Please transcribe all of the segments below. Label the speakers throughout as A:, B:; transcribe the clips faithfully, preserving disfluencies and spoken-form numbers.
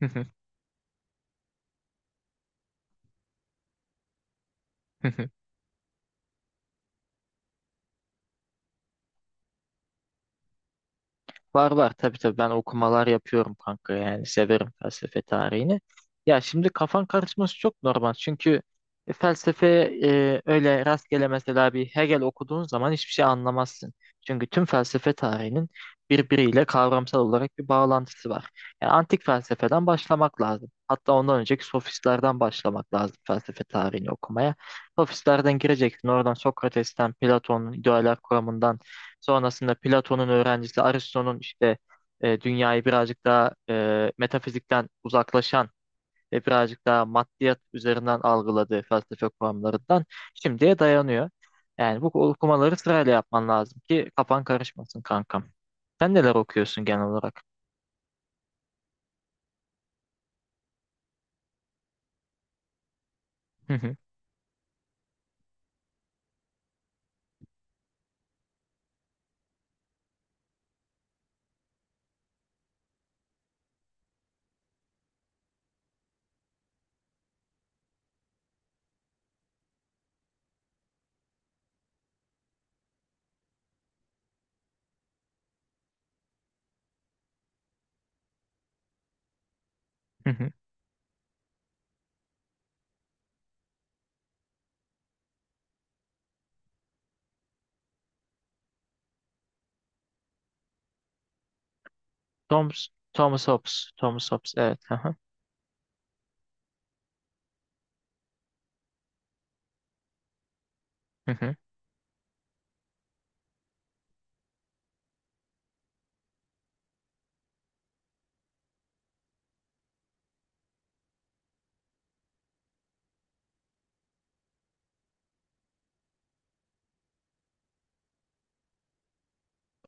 A: Hı hı, hı hı. Var var tabii tabii ben okumalar yapıyorum kanka, yani severim felsefe tarihini. Ya şimdi kafan karışması çok normal, çünkü e, felsefe e, öyle rastgele, mesela bir Hegel okuduğun zaman hiçbir şey anlamazsın. Çünkü tüm felsefe tarihinin birbiriyle kavramsal olarak bir bağlantısı var. Yani antik felsefeden başlamak lazım. Hatta ondan önceki sofistlerden başlamak lazım felsefe tarihini okumaya. Sofistlerden gireceksin, oradan Sokrates'ten, Platon'un idealer kuramından. Sonrasında Platon'un öğrencisi Aristo'nun işte e, dünyayı birazcık daha e, metafizikten uzaklaşan ve birazcık daha maddiyat üzerinden algıladığı felsefe kuramlarından şimdiye dayanıyor. Yani bu okumaları sırayla yapman lazım ki kafan karışmasın kankam. Sen neler okuyorsun genel olarak? Hı hı, hı hı. Thomas, Thomas Hobbes, Thomas Hobbes, evet. Hı hı, hı hı.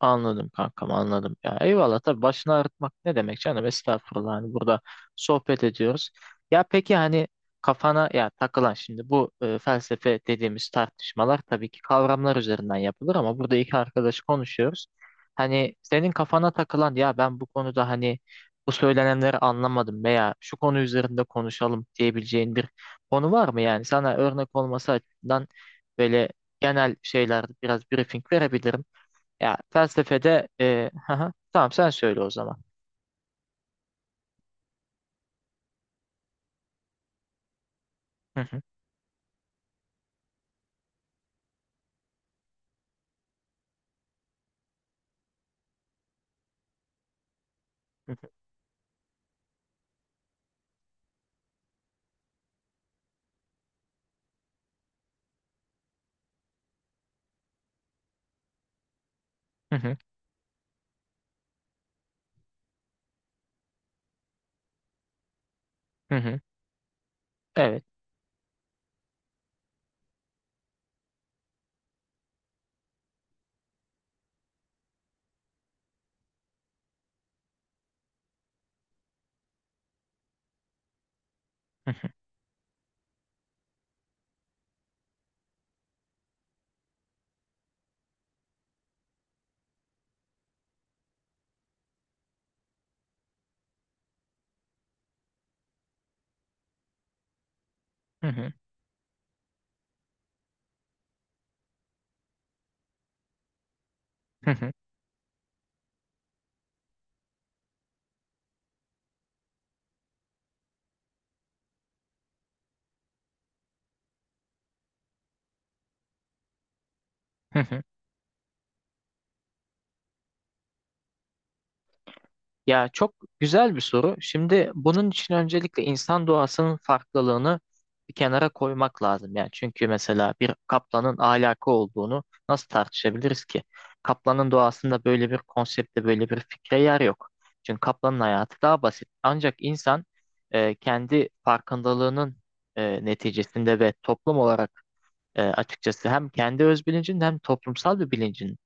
A: Anladım kankam, anladım. Ya eyvallah, tabii, başını ağrıtmak ne demek canım, estağfurullah, hani burada sohbet ediyoruz. Ya peki, hani kafana ya takılan, şimdi bu e, felsefe dediğimiz tartışmalar tabii ki kavramlar üzerinden yapılır, ama burada iki arkadaş konuşuyoruz. Hani senin kafana takılan, ya ben bu konuda hani bu söylenenleri anlamadım veya şu konu üzerinde konuşalım diyebileceğin bir konu var mı, yani sana örnek olması açısından böyle genel şeylerde biraz briefing verebilirim. Ya felsefede e, hı hı, tamam, sen söyle o zaman. Hı hı, hı hı, hı hı, hı hı. Evet. Hı hı, hı hı, hı hı, hı hı. Ya çok güzel bir soru. Şimdi bunun için öncelikle insan doğasının farklılığını bir kenara koymak lazım. Yani çünkü mesela bir kaplanın ahlakı olduğunu nasıl tartışabiliriz ki? Kaplanın doğasında böyle bir konsepte, böyle bir fikre yer yok. Çünkü kaplanın hayatı daha basit. Ancak insan e, kendi farkındalığının e, neticesinde ve toplum olarak e, açıkçası hem kendi öz bilincin hem toplumsal bir bilincin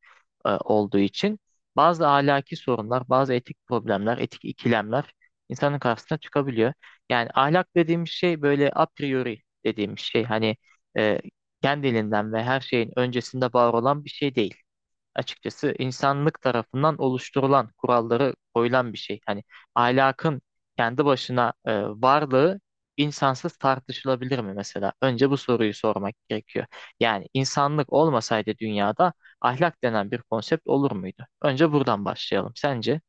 A: e, olduğu için bazı ahlaki sorunlar, bazı etik problemler, etik ikilemler insanın karşısına çıkabiliyor. Yani ahlak dediğimiz şey böyle a priori dediğimiz şey, hani e, kendiliğinden ve her şeyin öncesinde var olan bir şey değil, açıkçası insanlık tarafından oluşturulan kuralları koyulan bir şey. Hani ahlakın kendi başına e, varlığı insansız tartışılabilir mi mesela? Önce bu soruyu sormak gerekiyor. Yani insanlık olmasaydı dünyada ahlak denen bir konsept olur muydu? Önce buradan başlayalım. Sence?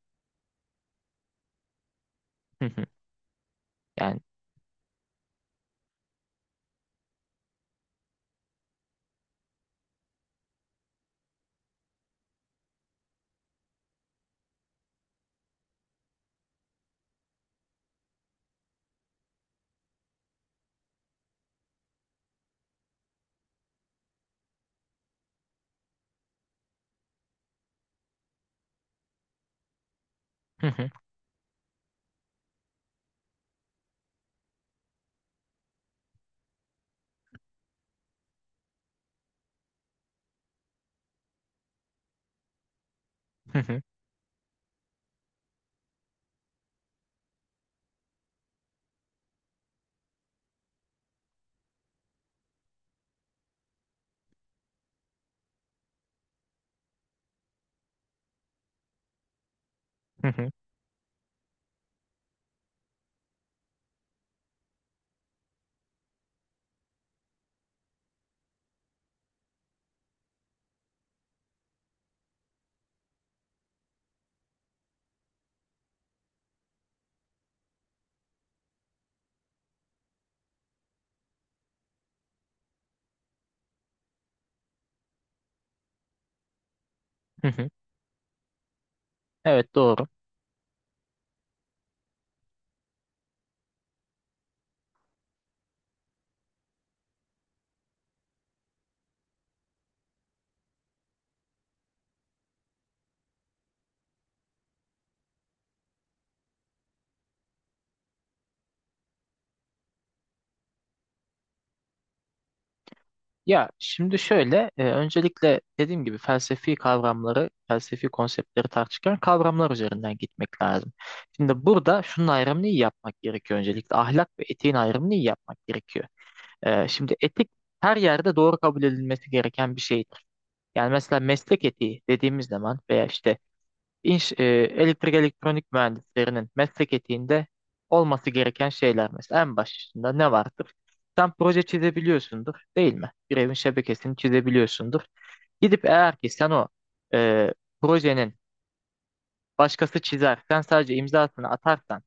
A: Hı hı. Yani hı hı, hı hı, hı hı, hı hı. Evet, doğru. Ya şimdi şöyle, e, öncelikle dediğim gibi felsefi kavramları, felsefi konseptleri tartışırken kavramlar üzerinden gitmek lazım. Şimdi burada şunun ayrımını iyi yapmak gerekiyor öncelikle. Ahlak ve etiğin ayrımını iyi yapmak gerekiyor. E, şimdi etik her yerde doğru kabul edilmesi gereken bir şeydir. Yani mesela meslek etiği dediğimiz zaman veya işte İnş, e, elektrik elektronik mühendislerinin meslek etiğinde olması gereken şeyler mesela en başında ne vardır? Sen proje çizebiliyorsundur değil mi? Bir evin şebekesini çizebiliyorsundur. Gidip eğer ki sen o e, projenin başkası çizer, sen sadece imzasını atarsan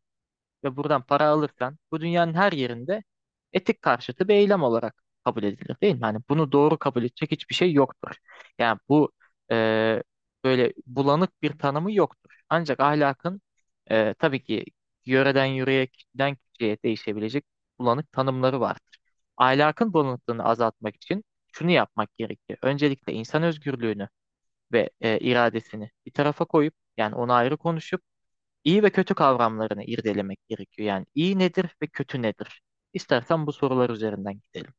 A: ve buradan para alırsan bu dünyanın her yerinde etik karşıtı bir eylem olarak kabul edilir değil mi? Hani bunu doğru kabul edecek hiçbir şey yoktur. Yani bu e, böyle bulanık bir tanımı yoktur. Ancak ahlakın e, tabii ki yöreden yöreye, kişiden kişiye değişebilecek bulanık tanımları vardır. Ahlakın bulanıklığını azaltmak için şunu yapmak gerekiyor. Öncelikle insan özgürlüğünü ve e, iradesini bir tarafa koyup, yani onu ayrı konuşup İyi ve kötü kavramlarını irdelemek gerekiyor. Yani iyi nedir ve kötü nedir? İstersen bu sorular üzerinden gidelim.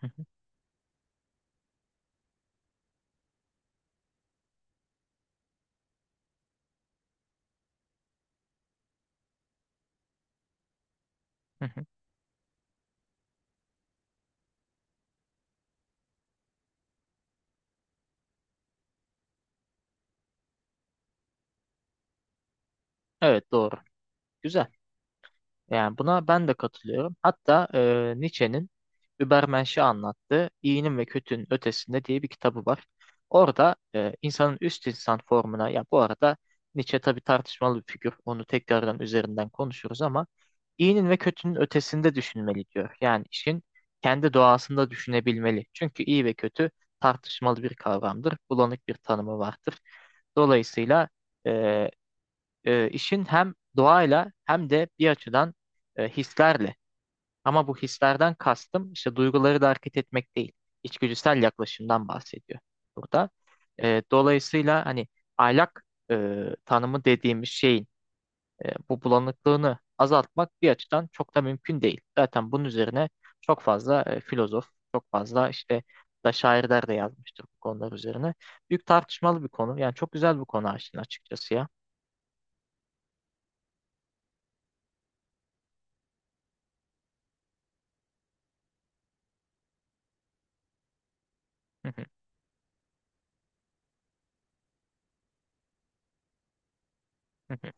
A: Hı hı, hı hı. Evet, doğru. Güzel. Yani buna ben de katılıyorum. Hatta e, Nietzsche'nin Übermensch'i anlattığı İyinin ve Kötünün Ötesinde diye bir kitabı var. Orada e, insanın üst insan formuna, ya bu arada Nietzsche tabii tartışmalı bir figür. Onu tekrardan üzerinden konuşuruz ama İyinin ve kötünün ötesinde düşünmeli diyor. Yani işin kendi doğasında düşünebilmeli. Çünkü iyi ve kötü tartışmalı bir kavramdır. Bulanık bir tanımı vardır. Dolayısıyla e, e, işin hem doğayla hem de bir açıdan e, hislerle. Ama bu hislerden kastım işte duyguları da hareket etmek değil. İçgüdüsel yaklaşımdan bahsediyor burada. E, dolayısıyla hani ahlak e, tanımı dediğimiz şeyin e, bu bulanıklığını azaltmak bir açıdan çok da mümkün değil. Zaten bunun üzerine çok fazla e, filozof, çok fazla işte da şairler de yazmıştır bu konular üzerine. Büyük tartışmalı bir konu. Yani çok güzel bir konu Ayşin, açıkçası ya. Hı hı, hı hı,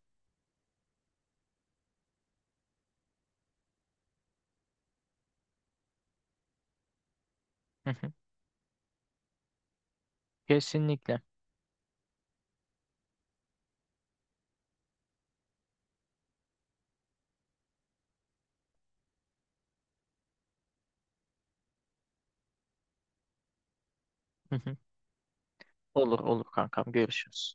A: hı hı. Kesinlikle. Hı hı. Olur olur kankam, görüşürüz.